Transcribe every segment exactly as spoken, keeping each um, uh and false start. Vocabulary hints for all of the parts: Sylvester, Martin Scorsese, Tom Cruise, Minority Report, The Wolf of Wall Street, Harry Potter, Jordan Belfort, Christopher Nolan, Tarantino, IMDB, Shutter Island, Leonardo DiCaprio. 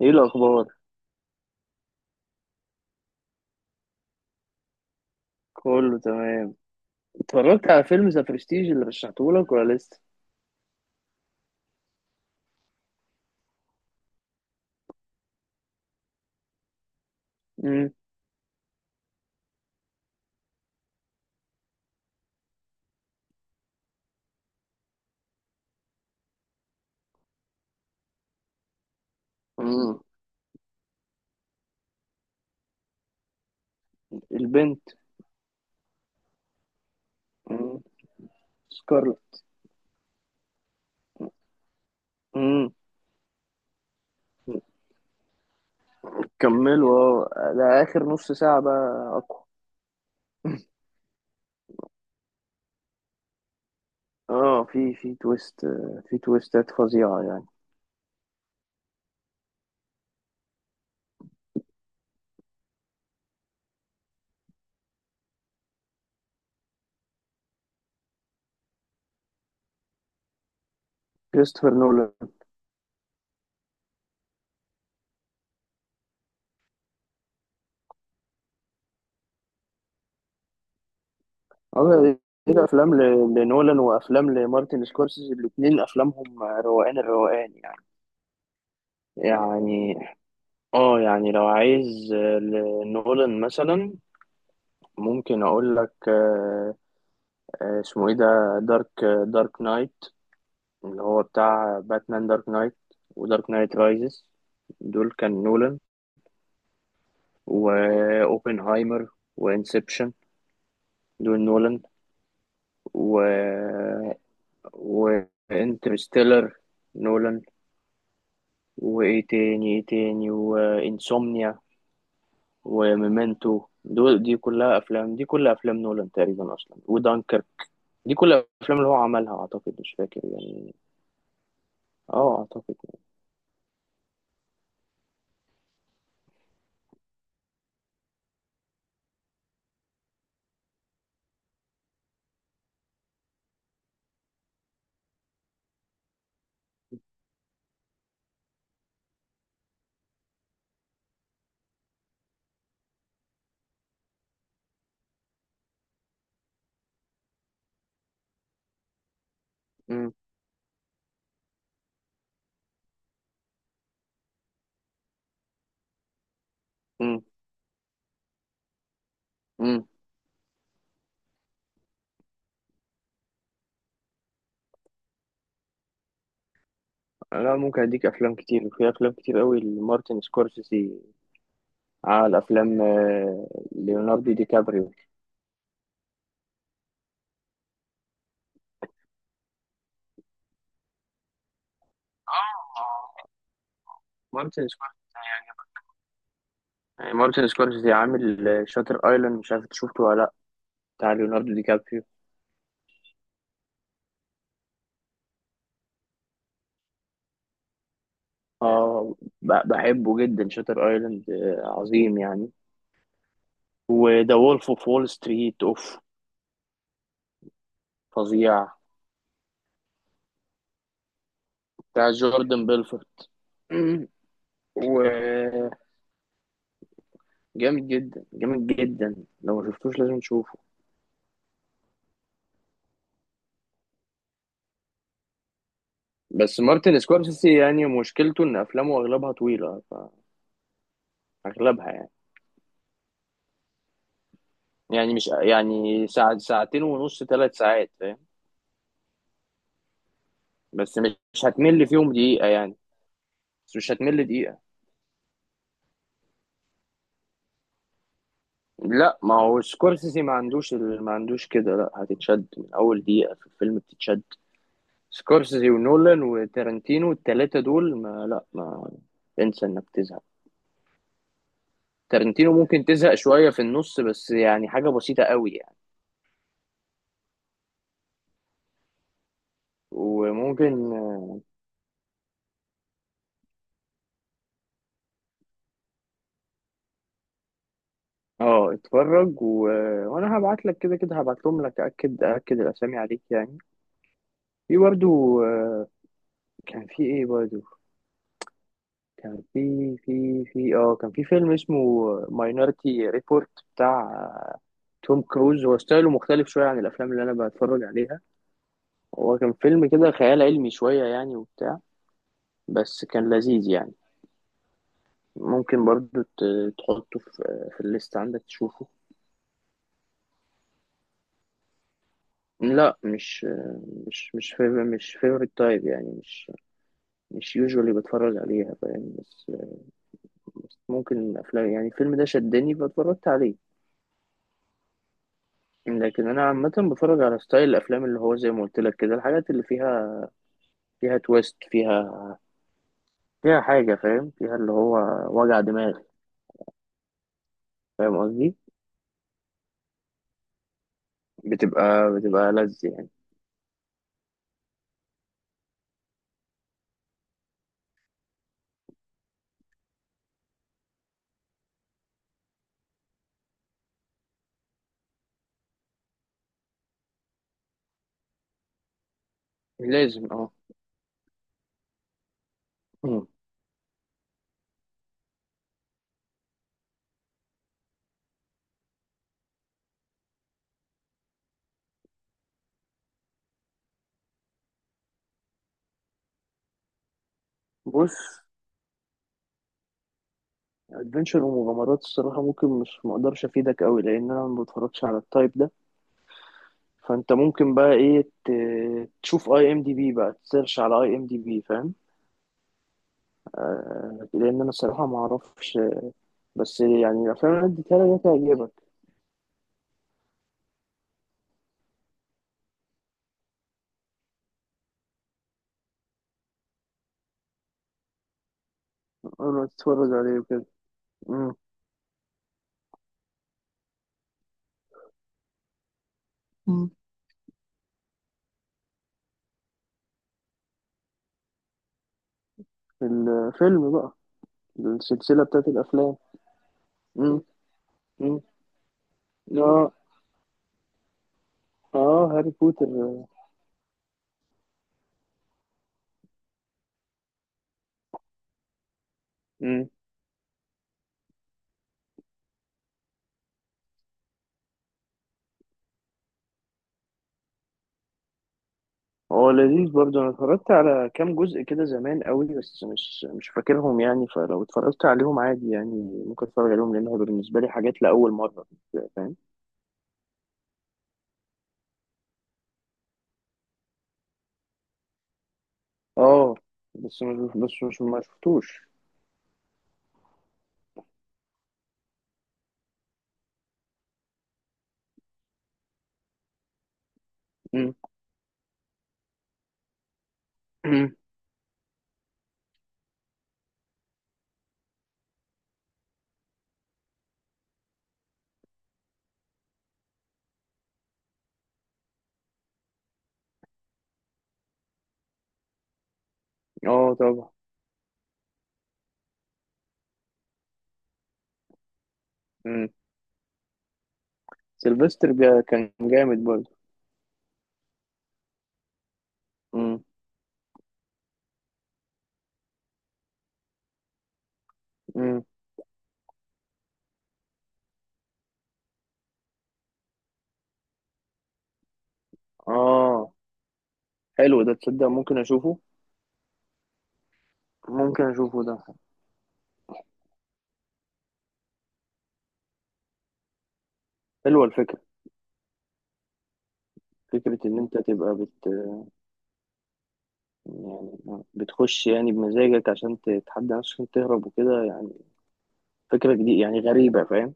ايه الاخبار؟ كله تمام. اتفرجت على فيلم ذا برستيج اللي رشحته لك ولا لسه؟ امم. امم. البنت. امم. سكارلت. امم. كملوا، اه، ده اخر نص ساعه بقى اقوى. اه، في في تويست، آه، في تويستات فظيعه يعني. كريستوفر نولان. اه، ايه. ده افلام ل- لنولان وافلام لمارتن سكورسيزي، الاتنين افلامهم روقان الروقان يعني. يعني. اه، يعني لو عايز آه، لنولان مثلا، ممكن اقول لك آه، آه، اسمه ايه ده؟ دارك دارك نايت، اللي هو بتاع باتمان دارك نايت، ودارك نايت رايزز. دول كان نولان. واوبنهايمر، وانسبشن. دول نولان. و، وانترستيلر، نولان. وايه تاني، ايه تاني، وانسومنيا، وميمنتو. دول دي كلها افلام دي كلها افلام نولان تقريبا اصلا، ودانكر. دي كلها افلام اللي هو عملها، اعتقد، مش فاكر يعني. اه، اعتقد. مم. مم. مم. لا، ممكن اديك افلام كتير، وفي افلام كتير قوي لمارتن سكورسيزي. على افلام آه، ليوناردو دي كابريو. آه، مارتن سكورسيزي يعني. آه، مارتن سكورسيزي عامل آه، شاتر ايلاند، مش عارف إنت شفته ولا لا؟ بتاع ليوناردو دي كابريو. اه، ب- بحبه جدا شاتر ايلاند، آه، عظيم يعني. وذا وولف اوف وول ستريت اوف. فظيع. بتاع جوردن بيلفورت. وجامد جدا، جامد جدا، لو ما شفتوش لازم تشوفه. بس مارتن سكورسيزي يعني مشكلته ان افلامه اغلبها طويله، ف- اغلبها يعني. يعني مش يعني ساعة، ساعتين ونص، ثلاث ساعات، فاهم. بس مش مش هتمل فيهم دقيقه يعني. بس مش هتمل دقيقه. لا، ما هو سكورسيزي ما عندوش ال- ما عندوش كده. لا، هتتشد من اول دقيقه في الفيلم، بتتشد. سكورسيزي ونولان وتارنتينو، الثلاثه دول، ما، لا، ما انسى انك تزهق. تارنتينو ممكن تزهق شويه في النص، بس يعني حاجه بسيطه قوي يعني. وممكن. اه، اتفرج و... وانا هبعت لك كده كده، هبعت لهم لك، اكد اكد الاسامي عليك يعني. في برضو، آه، كان في ايه برضو؟ كان في في في اه كان في فيلم اسمه ماينورتي ريبورت، بتاع آه، توم كروز. هو ستايله مختلف شويه عن الافلام اللي انا بتفرج عليها. هو كان فيلم كده خيال علمي شويه يعني، وبتاع. بس كان لذيذ يعني. ممكن برضو ت- تحطه في في الليست عندك تشوفه. لا، مش مش مش favorite- مش فيفورت تايب يعني، مش مش يوجوالي بتفرج عليها، فاهم. بس ممكن افلام، يعني الفيلم ده شدني فاتفرجت عليه. لكن انا عامه بتفرج على ستايل الافلام، اللي هو زي ما قلت لك كده، الحاجات اللي فيها، فيها تويست، فيها، فيها حاجه، فاهم، فيها اللي هو وجع دماغ. فاهم قصدي؟ بتبقى بتبقى لذ يعني. لازم، اه. مم. بص، ادفنشر ومغامرات الصراحه ممكن، مش مقدرش افيدك قوي، لان انا ما بتفرجش على التايب ده. فانت ممكن بقى ايه، ت- تشوف اي ام دي بي، بقى تسيرش على اي ام دي بي فاهم. لان انا الصراحه ما اعرفش. بس يعني الافلام اللي أنا اديتها لك دي تعجبك. اول ما تتفرج عليه وكده. امم. مم. الفيلم بقى، السلسله بتاعت الافلام. امم. امم. اه. اه، هاري بوتر. امم. هو لذيذ برضه، انا اتفرجت على كام جزء كده زمان قوي، بس مش مش فاكرهم يعني. فلو اتفرجت عليهم عادي يعني، ممكن اتفرج عليهم، لان هو بالنسبه لي حاجات لاول مره. فاهم. اه، بس مش بس مش ما شفتوش. امم. أمم. اه، طبعا. سيلفستر، جا كان جامد برضه. امم. امم. اه، حلو ده، تصدق ممكن اشوفه. ممكن اشوفه ده. حلوه الفكره. فكره ان انت تبقى بت يعني بتخش يعني بمزاجك، عشان تتحدى نفسك، عشان تهرب وكده يعني. فكره جديده يعني، غريبه فاهم.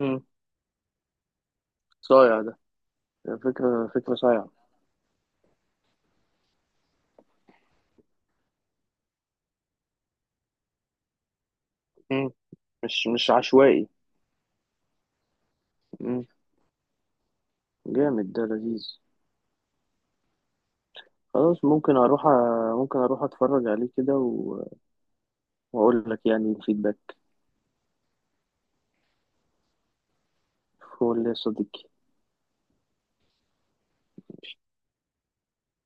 امم. صايع ده. فكره فكره صايعه. امم. مش مش عشوائي. امم. جامد ده، لذيذ. خلاص، ممكن اروح أ- ممكن اروح اتفرج عليه كده و- واقول لك يعني الفيدباك. قول لي يا صديقي.